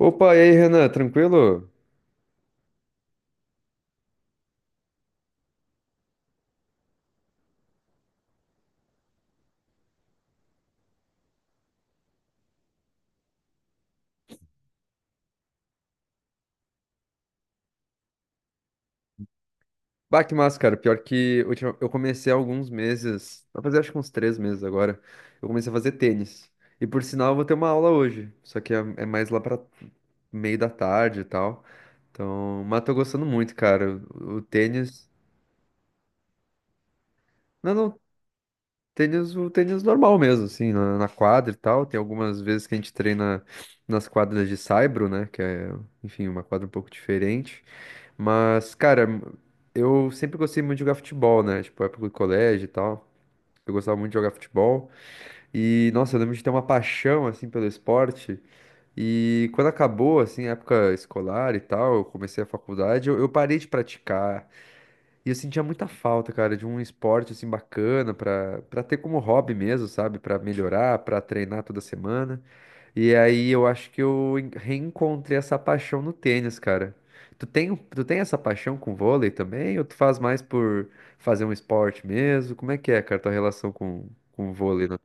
Opa, e aí, Renan, tranquilo? Bah, que massa, cara. Eu comecei há alguns meses, vai fazer acho que uns três meses agora, eu comecei a fazer tênis. E por sinal, eu vou ter uma aula hoje, só que é mais lá pra meio da tarde e tal. Então, mas tô gostando muito, cara. O tênis. Não, não, tênis, o tênis normal mesmo, assim, na quadra e tal. Tem algumas vezes que a gente treina nas quadras de saibro, né? Que é, enfim, uma quadra um pouco diferente. Mas, cara, eu sempre gostei muito de jogar futebol, né? Tipo, época do colégio e tal. Eu gostava muito de jogar futebol. E, nossa, eu lembro de ter uma paixão, assim, pelo esporte. E quando acabou, assim, a época escolar e tal, eu comecei a faculdade, eu parei de praticar. E eu sentia muita falta, cara, de um esporte assim bacana pra para ter como hobby mesmo, sabe? Pra melhorar, pra treinar toda semana. E aí eu acho que reencontrei essa paixão no tênis, cara. Tu tem, tu tem essa paixão com vôlei também? Ou tu faz mais por fazer um esporte mesmo? Como é que é, cara, tua relação com o vôlei, né?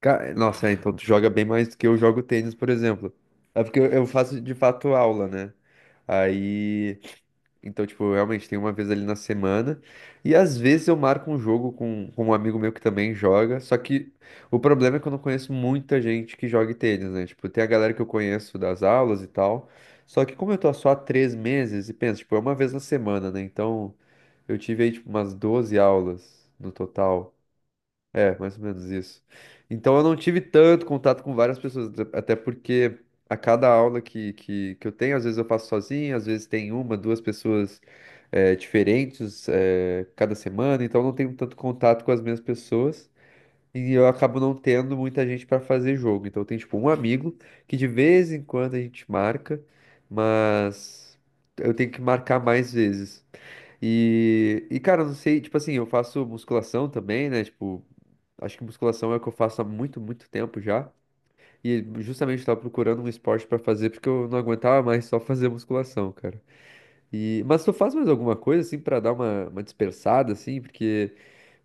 Nossa, é, então tu joga bem mais do que eu jogo tênis, por exemplo. É porque eu faço de fato aula, né? Aí. Então, tipo, realmente tem uma vez ali na semana. E às vezes eu marco um jogo com um amigo meu que também joga. Só que o problema é que eu não conheço muita gente que jogue tênis, né? Tipo, tem a galera que eu conheço das aulas e tal. Só que como eu tô só há três meses, e pensa, tipo, é uma vez na semana, né? Então eu tive aí, tipo, umas 12 aulas no total. É, mais ou menos isso. Então eu não tive tanto contato com várias pessoas, até porque a cada aula que eu tenho, às vezes eu faço sozinho, às vezes tem uma, duas pessoas diferentes, cada semana, então eu não tenho tanto contato com as mesmas pessoas e eu acabo não tendo muita gente para fazer jogo. Então tem tipo um amigo que de vez em quando a gente marca, mas eu tenho que marcar mais vezes. E cara, eu não sei, tipo assim, eu faço musculação também, né? Tipo. Acho que musculação é o que eu faço há muito, muito tempo já. E justamente estava procurando um esporte para fazer porque eu não aguentava mais só fazer musculação, cara. Mas tu faz mais alguma coisa assim para dar uma dispersada assim, porque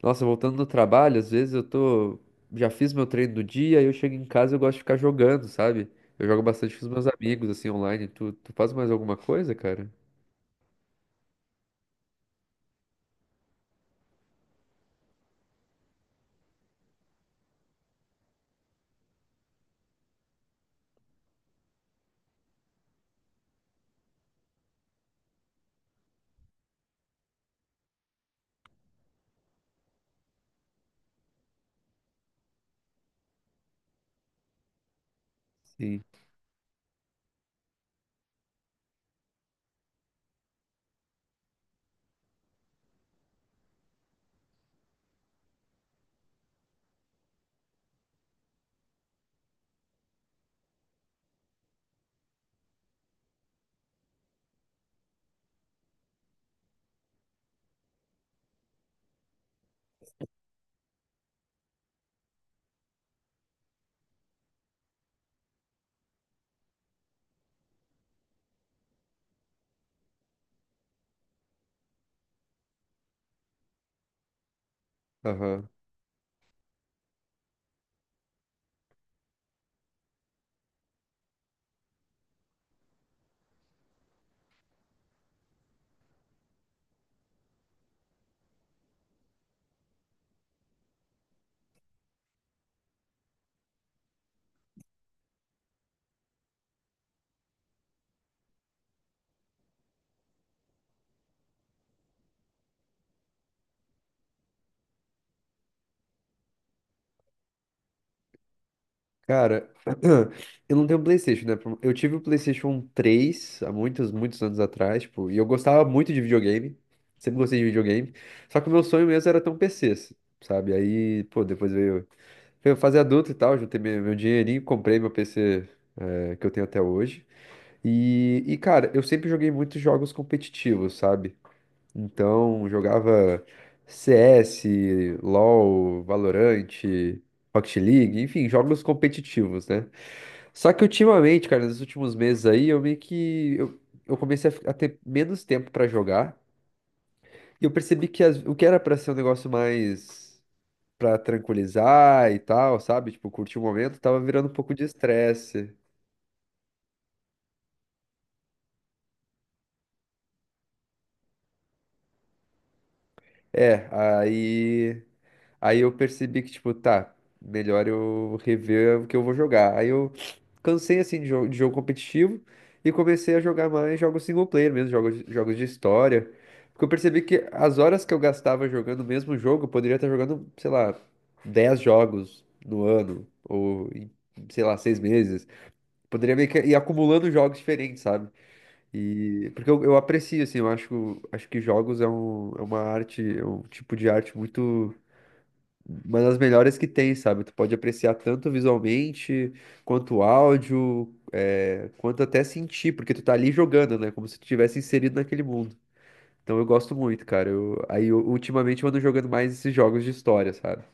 nossa, voltando no trabalho, às vezes eu tô já fiz meu treino do dia, aí eu chego em casa e eu gosto de ficar jogando, sabe? Eu jogo bastante com os meus amigos assim online. Tu faz mais alguma coisa, cara? Sim. Aham. Cara, eu não tenho PlayStation, né? Eu tive o PlayStation 3 há muitos, muitos anos atrás, tipo, e eu gostava muito de videogame. Sempre gostei de videogame. Só que o meu sonho mesmo era ter um PC, sabe? Aí, pô, veio fazer adulto e tal, juntei meu dinheirinho, comprei meu PC, que eu tenho até hoje. E cara, eu sempre joguei muitos jogos competitivos, sabe? Então, jogava CS, LoL, Valorant, Rocket League, enfim, jogos competitivos, né? Só que ultimamente, cara, nos últimos meses aí, eu meio que eu comecei a ter menos tempo pra jogar e eu percebi que o que era pra ser um negócio mais pra tranquilizar e tal, sabe? Tipo, curtir o momento, tava virando um pouco de estresse. É, aí. Aí eu percebi que, tipo, tá, melhor eu rever o que eu vou jogar. Aí eu cansei, assim, de jogo competitivo e comecei a jogar mais jogos single player mesmo, jogos de história. Porque eu percebi que as horas que eu gastava jogando o mesmo jogo, eu poderia estar jogando, sei lá, 10 jogos no ano, sei lá, 6 meses. Poderia meio que ir acumulando jogos diferentes, sabe? E porque eu aprecio, assim, acho que jogos é uma arte, é um tipo de arte muito. Uma das melhores que tem, sabe? Tu pode apreciar tanto visualmente, quanto áudio, é, quanto até sentir, porque tu tá ali jogando, né? Como se tu tivesse inserido naquele mundo. Então eu gosto muito, cara. Ultimamente eu ando jogando mais esses jogos de história, sabe?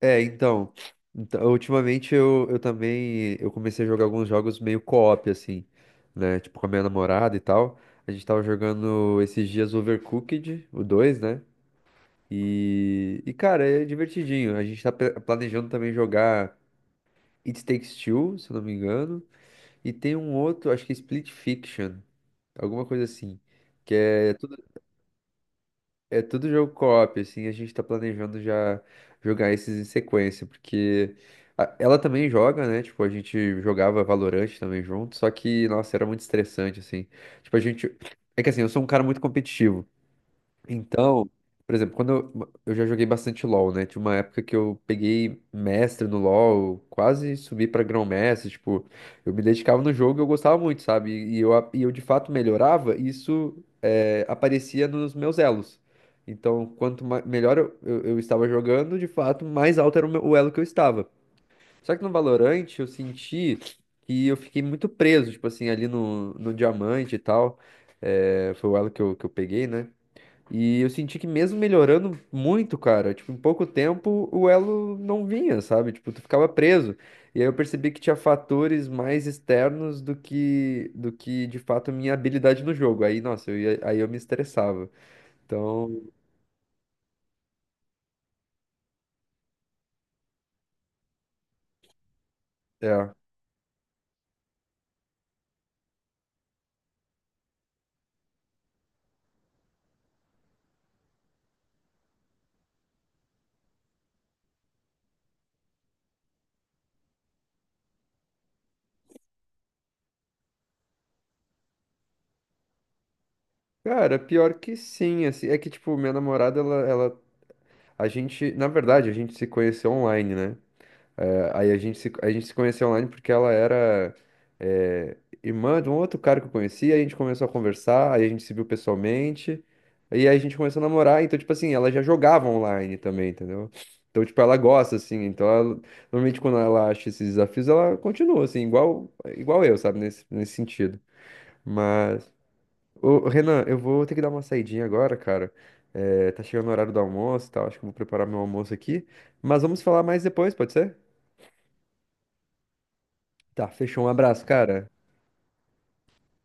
É, então, então, ultimamente eu também eu comecei a jogar alguns jogos meio co-op, assim, né? Tipo, com a minha namorada e tal. A gente tava jogando esses dias Overcooked, o 2, né? E cara, é divertidinho. A gente tá planejando também jogar It Takes Two, se eu não me engano. E tem um outro, acho que é Split Fiction, alguma coisa assim. É tudo jogo co-op, assim, a gente tá planejando já jogar esses em sequência, porque ela também joga, né? Tipo, a gente jogava Valorant também junto, só que, nossa, era muito estressante, assim. Tipo, a gente. É que assim, eu sou um cara muito competitivo. Então, por exemplo, quando eu já joguei bastante LoL, né? Tinha uma época que eu peguei mestre no LoL, quase subi pra grão-mestre, tipo, eu me dedicava no jogo e eu gostava muito, sabe? E e eu de fato melhorava, e isso é, aparecia nos meus elos. Então, quanto melhor eu estava jogando, de fato, mais alto era o elo que eu estava. Só que no Valorant eu senti que eu fiquei muito preso, tipo assim, ali no diamante e tal. É, foi o elo que eu peguei, né? E eu senti que mesmo melhorando muito, cara, tipo, em pouco tempo o elo não vinha, sabe? Tipo, tu ficava preso. E aí eu percebi que tinha fatores mais externos do que de fato minha habilidade no jogo. Aí, nossa, aí eu me estressava. Então, é. Cara, pior que sim, assim, é que tipo, minha namorada ela, a gente se conheceu online, né? Aí a gente se conheceu online porque ela era eh, irmã de um outro cara que eu conheci, aí a gente começou a conversar, aí a gente se viu pessoalmente, e aí a gente começou a namorar, então, tipo assim, ela já jogava online também, entendeu? Então, tipo, ela gosta, assim, então normalmente quando ela acha esses desafios, ela continua, assim, igual eu, sabe, nesse sentido. Mas, ô, Renan, eu vou ter que dar uma saidinha agora, cara. Tá chegando o horário do almoço e tal, acho que eu vou preparar meu almoço aqui. Mas vamos falar mais depois, pode ser? Tá, fechou. Um abraço, cara.